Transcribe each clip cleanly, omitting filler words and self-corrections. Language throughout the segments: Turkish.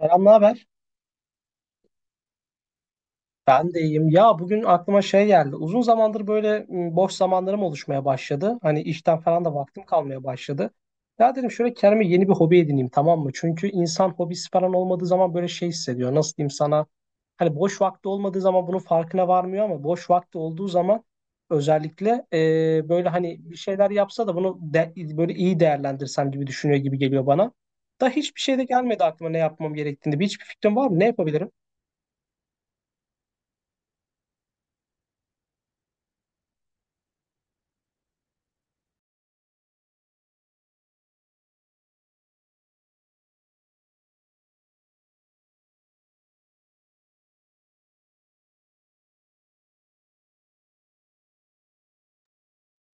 Selam, ne haber? Ben de iyiyim. Ya bugün aklıma şey geldi. Uzun zamandır böyle boş zamanlarım oluşmaya başladı. Hani işten falan da vaktim kalmaya başladı. Ya dedim şöyle kendime yeni bir hobi edineyim, tamam mı? Çünkü insan hobisi falan olmadığı zaman böyle şey hissediyor. Nasıl diyeyim sana? Hani boş vakti olmadığı zaman bunun farkına varmıyor ama boş vakti olduğu zaman özellikle böyle hani bir şeyler yapsa da böyle iyi değerlendirsem gibi düşünüyor gibi geliyor bana. Da hiçbir şey de gelmedi aklıma ne yapmam gerektiğini. Hiçbir fikrim var mı? Ne yapabilirim?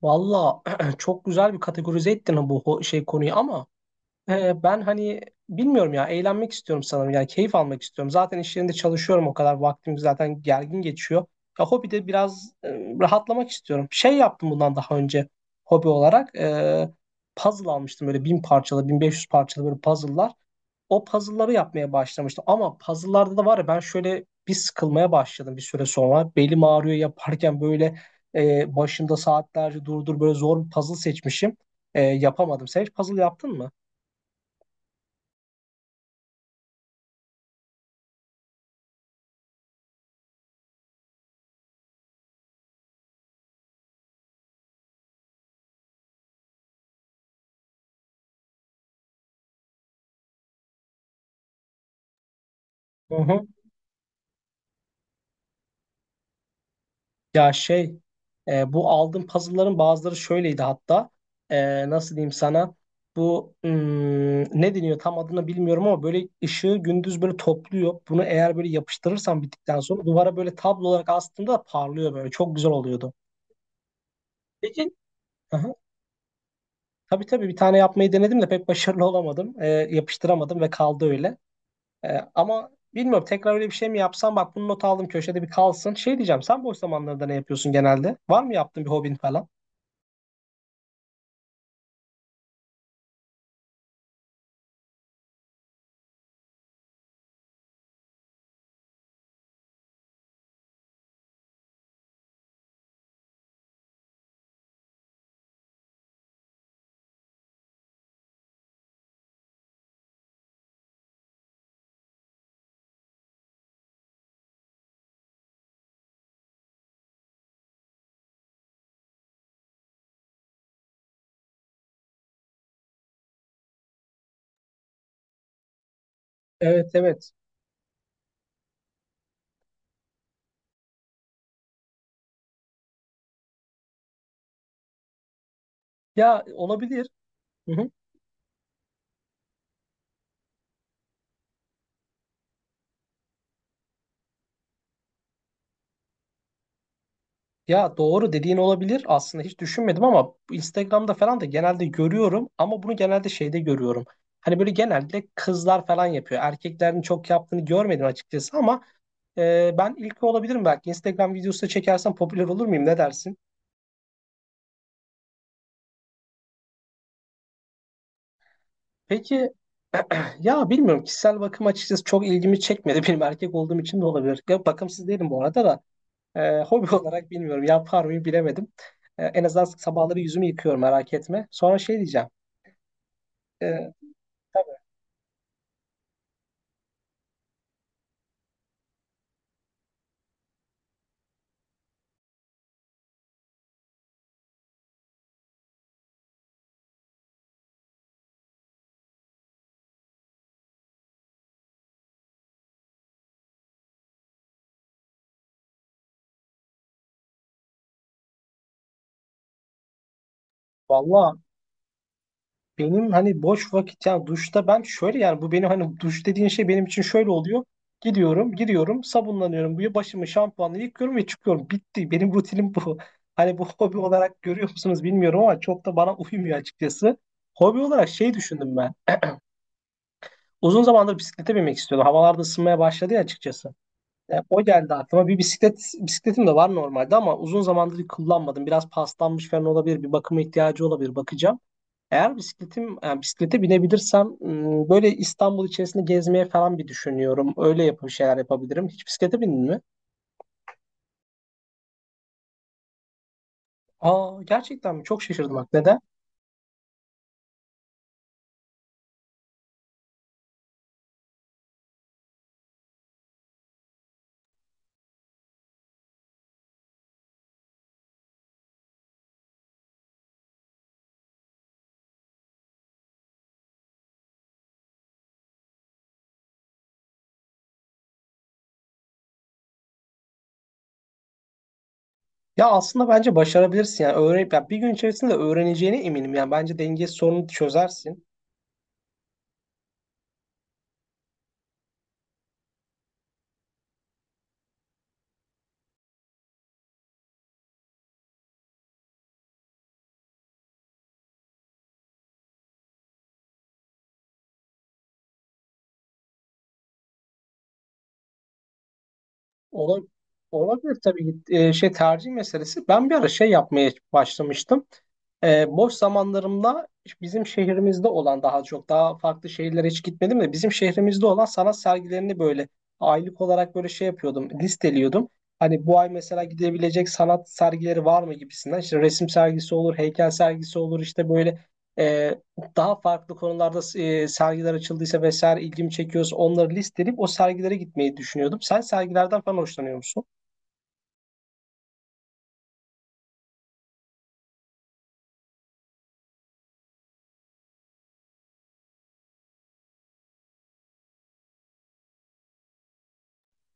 Valla çok güzel bir kategorize ettin bu şey konuyu, ama ben hani bilmiyorum ya, eğlenmek istiyorum sanırım, yani keyif almak istiyorum. Zaten iş yerinde çalışıyorum, o kadar vaktim zaten gergin geçiyor. Ya hobi de biraz rahatlamak istiyorum. Şey yaptım bundan daha önce hobi olarak, puzzle almıştım, böyle 1.000 parçalı, 1.500 parçalı böyle puzzle'lar. O puzzle'ları yapmaya başlamıştım. Ama puzzle'larda da var ya, ben şöyle bir sıkılmaya başladım bir süre sonra. Belim ağrıyor yaparken, böyle başında saatlerce durdur, böyle zor bir puzzle seçmişim. Yapamadım. Sen hiç puzzle yaptın mı? Hı hı. Ya şey, bu aldığım puzzle'ların bazıları şöyleydi hatta. Nasıl diyeyim sana, bu ne deniyor, tam adını bilmiyorum ama böyle ışığı gündüz böyle topluyor. Bunu eğer böyle yapıştırırsan, bittikten sonra duvara böyle tablo olarak, aslında parlıyor, böyle çok güzel oluyordu. Peki. Aha. Tabii tabii, bir tane yapmayı denedim de pek başarılı olamadım. Yapıştıramadım ve kaldı öyle. Ama bilmiyorum, tekrar öyle bir şey mi yapsam, bak bunu not aldım, köşede bir kalsın. Şey diyeceğim, sen boş zamanlarında ne yapıyorsun genelde? Var mı yaptığın bir hobin falan? Evet evet. Ya olabilir. Hı hı. Ya doğru dediğin, olabilir. Aslında hiç düşünmedim, ama bu Instagram'da falan da genelde görüyorum, ama bunu genelde şeyde görüyorum. Hani böyle genelde kızlar falan yapıyor. Erkeklerin çok yaptığını görmedim açıkçası, ama ben ilki olabilirim belki. Instagram videosu da çekersem popüler olur muyum? Ne dersin? Peki, ya bilmiyorum, kişisel bakım açıkçası çok ilgimi çekmedi. Benim erkek olduğum için de olabilir. Ya bakımsız değilim bu arada da. Hobi olarak bilmiyorum, yapar mıyım bilemedim. En azından sabahları yüzümü yıkıyorum, merak etme. Sonra şey diyeceğim. Ee, tabii, vallahi benim hani boş vakit, ya duşta ben şöyle, yani bu benim hani duş dediğin şey benim için şöyle oluyor. Gidiyorum, giriyorum, sabunlanıyorum. Bu başımı şampuanla yıkıyorum ve çıkıyorum. Bitti. Benim rutinim bu. Hani bu hobi olarak görüyor musunuz bilmiyorum ama çok da bana uymuyor açıkçası. Hobi olarak şey düşündüm ben. Uzun zamandır bisiklete binmek istiyordum. Havalarda ısınmaya başladı ya, açıkçası. O geldi aklıma. Bir bisikletim de var normalde ama uzun zamandır kullanmadım. Biraz paslanmış falan olabilir. Bir bakıma ihtiyacı olabilir. Bakacağım. Eğer bisikletim, yani bisiklete binebilirsem, böyle İstanbul içerisinde gezmeye falan bir düşünüyorum. Öyle yapıp bir şeyler yapabilirim. Hiç bisiklete bindin mi? Aa, gerçekten mi? Çok şaşırdım bak. Neden? Ya aslında bence başarabilirsin, yani öğrenip, ya bir gün içerisinde öğreneceğine eminim. Yani bence denge sorunu çözersin. Ola- Olabilir tabii, şey, tercih meselesi. Ben bir ara şey yapmaya başlamıştım. Boş zamanlarımda bizim şehrimizde olan, daha çok daha farklı şehirlere hiç gitmedim de, bizim şehrimizde olan sanat sergilerini böyle aylık olarak böyle şey yapıyordum, listeliyordum. Hani bu ay mesela gidebilecek sanat sergileri var mı, gibisinden. İşte resim sergisi olur, heykel sergisi olur, işte böyle e, daha farklı konularda sergiler açıldıysa vesaire, ilgimi çekiyorsa, onları listeleyip o sergilere gitmeyi düşünüyordum. Sen sergilerden falan hoşlanıyor musun?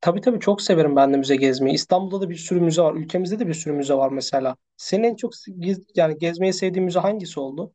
Tabii tabii, çok severim ben de müze gezmeyi. İstanbul'da da bir sürü müze var. Ülkemizde de bir sürü müze var mesela. Senin en çok gezmeyi sevdiğin müze hangisi oldu?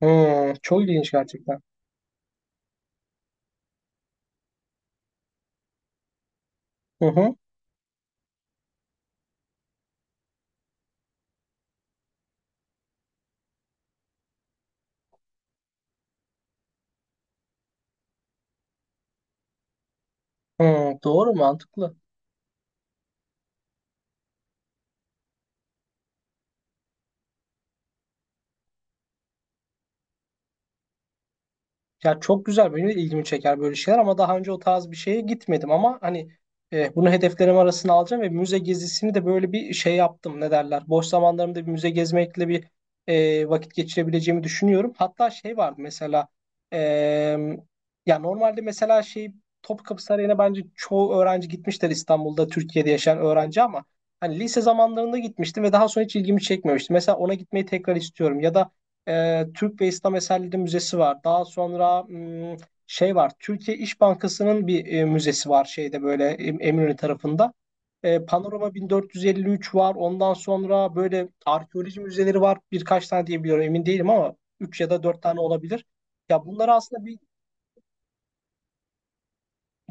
Hmm, çok ilginç gerçekten. Hı hı. Hı, doğru, mantıklı. Ya çok güzel, benim de ilgimi çeker böyle şeyler ama daha önce o tarz bir şeye gitmedim, ama hani bunu hedeflerim arasına alacağım ve müze gezisini de böyle bir şey yaptım, ne derler. Boş zamanlarımda bir müze gezmekle bir vakit geçirebileceğimi düşünüyorum. Hatta şey vardı mesela, e, ya normalde mesela şey, Topkapı Sarayı'na bence çoğu öğrenci gitmişler, İstanbul'da Türkiye'de yaşayan öğrenci, ama hani lise zamanlarında gitmiştim ve daha sonra hiç ilgimi çekmemişti. Mesela ona gitmeyi tekrar istiyorum, ya da Türk ve İslam Eserleri Müzesi var. Daha sonra şey var. Türkiye İş Bankası'nın bir müzesi var şeyde, böyle Eminönü tarafında. Panorama 1453 var. Ondan sonra böyle arkeoloji müzeleri var. Birkaç tane diyebiliyorum, emin değilim ama 3 ya da 4 tane olabilir. Ya bunlara aslında bir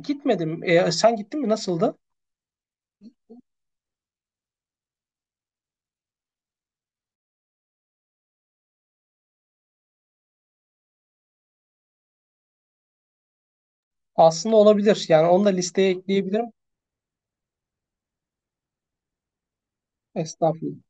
gitmedim. Sen gittin mi? Nasıldı? Aslında olabilir, yani onu da listeye ekleyebilirim. Estağfurullah.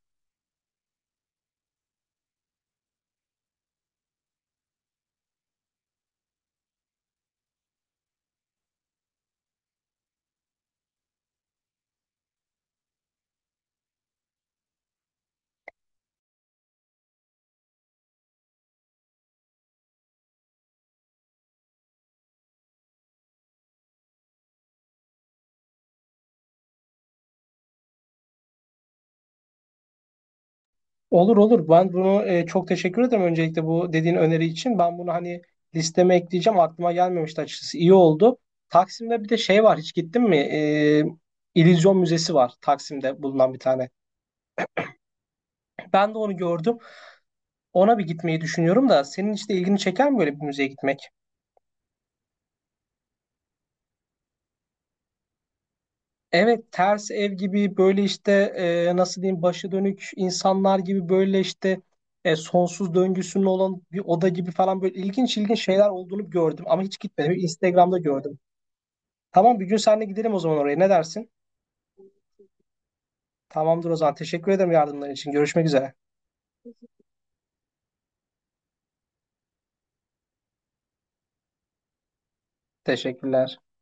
Olur olur. Ben bunu, çok teşekkür ederim öncelikle bu dediğin öneri için. Ben bunu hani listeme ekleyeceğim. Aklıma gelmemişti açıkçası. İyi oldu. Taksim'de bir de şey var. Hiç gittin mi? İllüzyon Müzesi var. Taksim'de bulunan bir tane. Ben de onu gördüm. Ona bir gitmeyi düşünüyorum da, senin işte ilgini çeker mi böyle bir müzeye gitmek? Evet, ters ev gibi böyle işte, nasıl diyeyim, başı dönük insanlar gibi, böyle işte sonsuz döngüsünün olan bir oda gibi falan, böyle ilginç ilginç şeyler olduğunu gördüm ama hiç gitmedim. Instagram'da gördüm. Tamam, bir gün seninle gidelim o zaman oraya. Ne dersin? Tamamdır o zaman. Teşekkür ederim yardımların için. Görüşmek üzere. Teşekkürler.